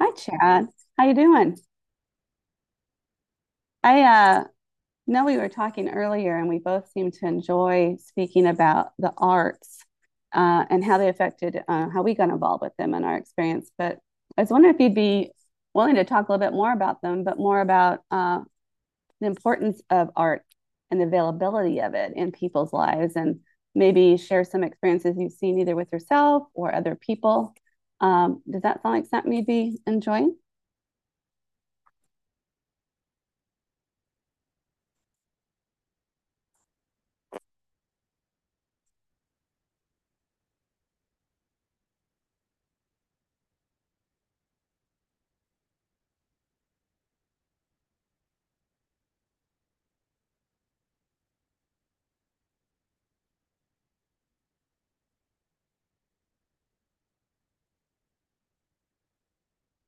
Hi, Chad. How you doing? I know we were talking earlier, and we both seem to enjoy speaking about the arts and how they affected how we got involved with them and our experience. But I was wondering if you'd be willing to talk a little bit more about them, but more about the importance of art and the availability of it in people's lives, and maybe share some experiences you've seen either with yourself or other people. Does that sound like something you'd be enjoying?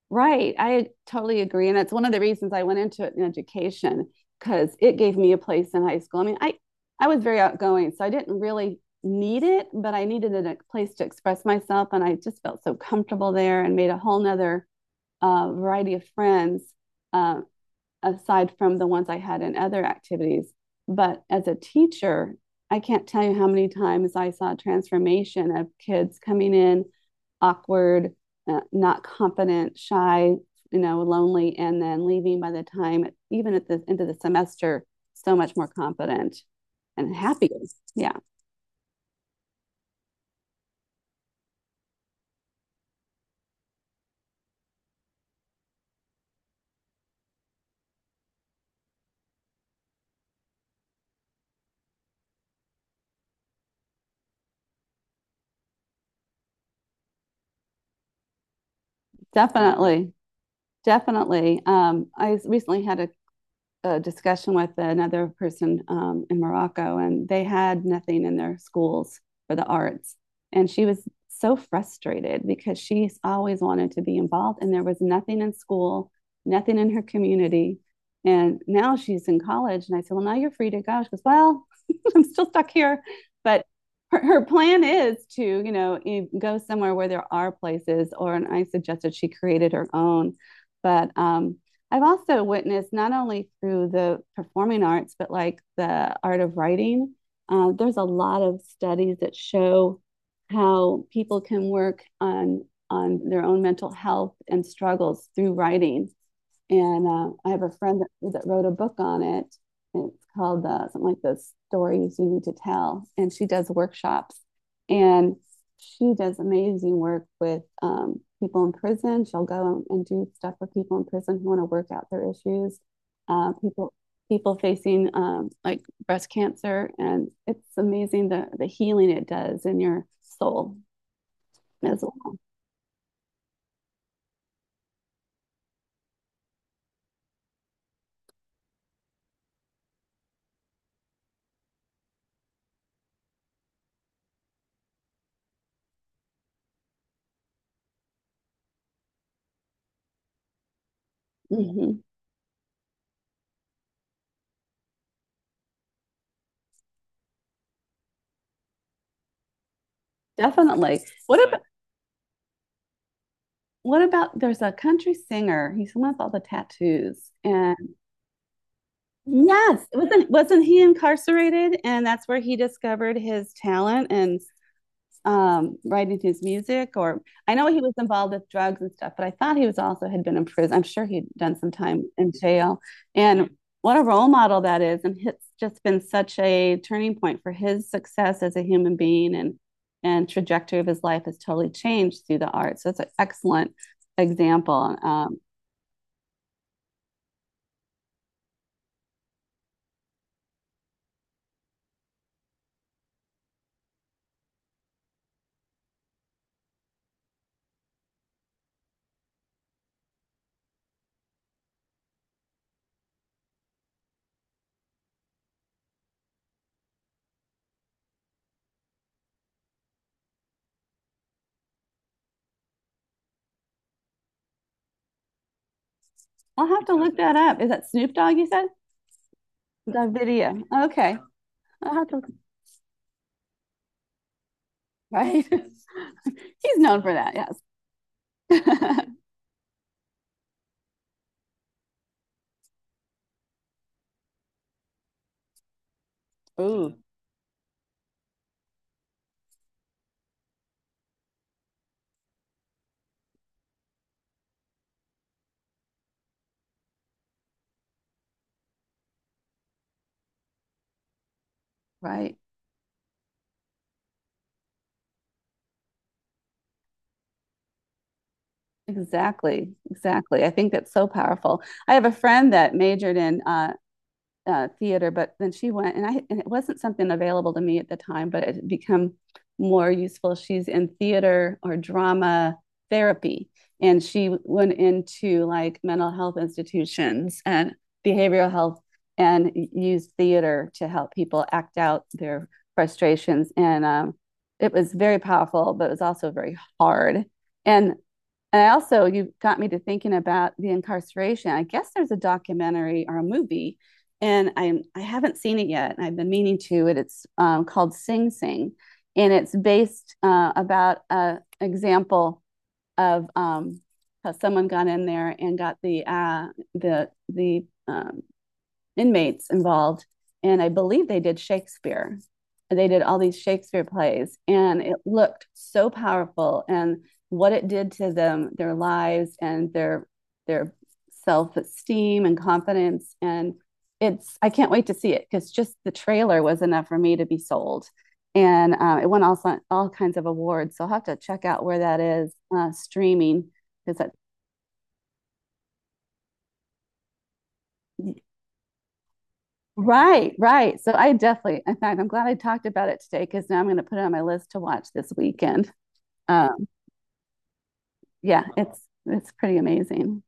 Right, I totally agree. And that's one of the reasons I went into it in education because it gave me a place in high school. I mean, I was very outgoing, so I didn't really need it, but I needed a place to express myself. And I just felt so comfortable there and made a whole nother variety of friends, uh, aside from the ones I had in other activities. But as a teacher, I can't tell you how many times I saw a transformation of kids coming in awkward, not competent, shy, you know, lonely, and then leaving by the time, even at the end of the semester, so much more competent and happier. Yeah, definitely. Definitely. I recently had a discussion with another person in Morocco, and they had nothing in their schools for the arts. And she was so frustrated because she's always wanted to be involved, and there was nothing in school, nothing in her community. And now she's in college, and I said, "Well, now you're free to go." She goes, "Well, I'm still stuck here, but." Her plan is to, you know, e, go somewhere where there are places, or and I suggested she created her own. But I've also witnessed not only through the performing arts, but like the art of writing. There's a lot of studies that show how people can work on their own mental health and struggles through writing. And I have a friend that wrote a book on it. It's called something like the stories you need to tell. And she does workshops and she does amazing work with people in prison. She'll go and do stuff with people in prison who want to work out their issues. People people facing like breast cancer, and it's amazing the healing it does in your soul as well. Mhm. Definitely. What about What about there's a country singer? He's the one with all the tattoos. And yes, wasn't he incarcerated? And that's where he discovered his talent and, writing his music. Or I know he was involved with drugs and stuff, but I thought he was also had been in prison. I'm sure he'd done some time in jail. And what a role model that is, and it's just been such a turning point for his success as a human being and trajectory of his life has totally changed through the arts. So it's an excellent example. I'll have to look that up. Is that Snoop Dogg you said? Davidia. Okay. I'll have to Right. He's known for that, yes. Ooh, right. Exactly. Exactly. I think that's so powerful. I have a friend that majored in theater, but then she went, and I and it wasn't something available to me at the time, but it had become more useful. She's in theater or drama therapy, and she went into like mental health institutions and behavioral health, and used theater to help people act out their frustrations. And it was very powerful, but it was also very hard. And and I also, you got me to thinking about the incarceration. I guess there's a documentary or a movie, and I haven't seen it yet, and I've been meaning to. It's called Sing Sing, and it's based about a example of how someone got in there and got the the the um, inmates involved, and I believe they did Shakespeare. They did all these Shakespeare plays, and it looked so powerful. And what it did to them, their lives, and their self esteem and confidence, and it's I can't wait to see it because just the trailer was enough for me to be sold and it won all kinds of awards. So I'll have to check out where that is streaming because that. Right, right. So I definitely, in fact, I'm glad I talked about it today because now I'm going to put it on my list to watch this weekend. Um, yeah, it's pretty amazing.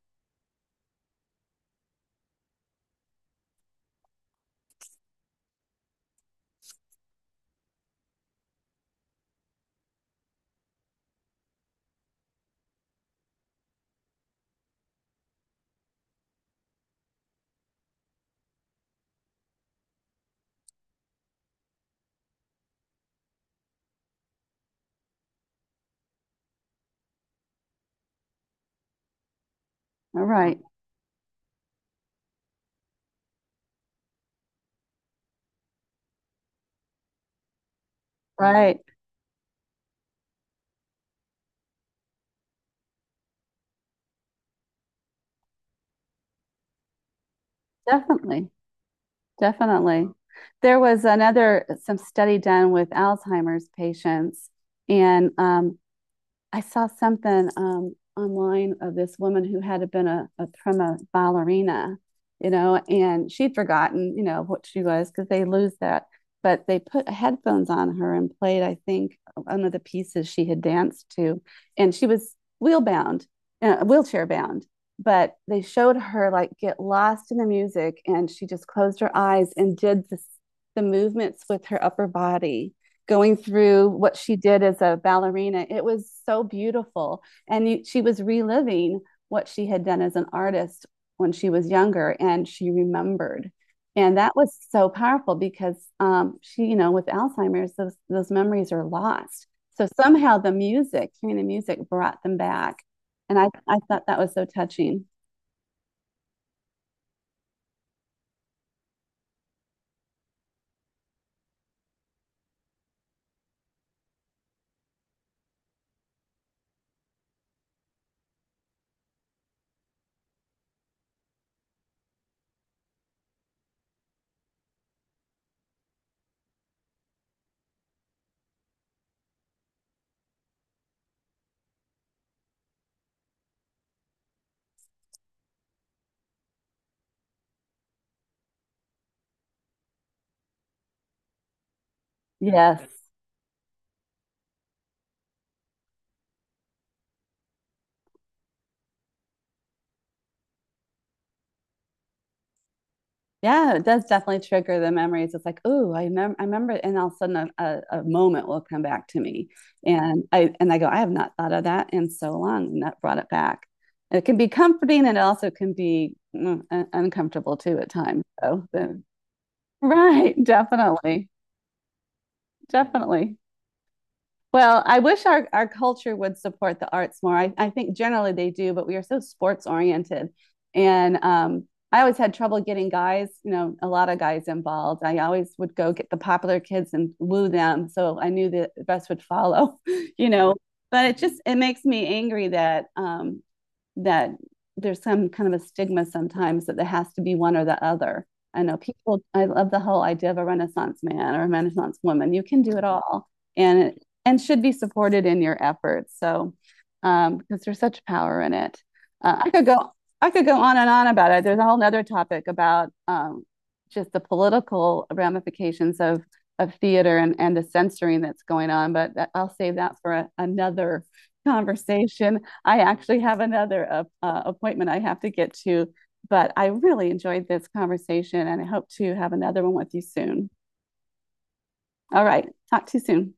All right, right. Definitely, definitely. There was another some study done with Alzheimer's patients, and I saw something online of this woman who had been a prima ballerina, you know, and she'd forgotten, you know, what she was because they lose that. But they put headphones on her and played, I think, one of the pieces she had danced to, and she was wheel bound, wheelchair bound. But they showed her like get lost in the music, and she just closed her eyes and did this, the movements with her upper body going through what she did as a ballerina. It was so beautiful. And you, she was reliving what she had done as an artist when she was younger and she remembered. And that was so powerful because she, you know, with Alzheimer's, those memories are lost. So somehow the music, hearing the music brought them back. And I thought that was so touching. Yes. Yeah, it does definitely trigger the memories. It's like, oh, I remember, and all of a sudden a moment will come back to me, and I go, I have not thought of that in so long, and that brought it back. And it can be comforting, and it also can be uncomfortable too at times. Right, definitely, definitely. Well, I wish our culture would support the arts more. I think generally they do, but we are so sports oriented. And I always had trouble getting guys, you know, a lot of guys involved. I always would go get the popular kids and woo them. So I knew the best would follow, you know. But it just it makes me angry that that there's some kind of a stigma sometimes that there has to be one or the other. I know people, I love the whole idea of a Renaissance man or a Renaissance woman. You can do it all and, and should be supported in your efforts. So, because there's such power in it. Uh, I could go, I could go on and on about it. There's a whole nother topic about, just the political ramifications of theater and the censoring that's going on, but that, I'll save that for a, another conversation. I actually have another appointment I have to get to, but I really enjoyed this conversation and I hope to have another one with you soon. All right, talk to you soon.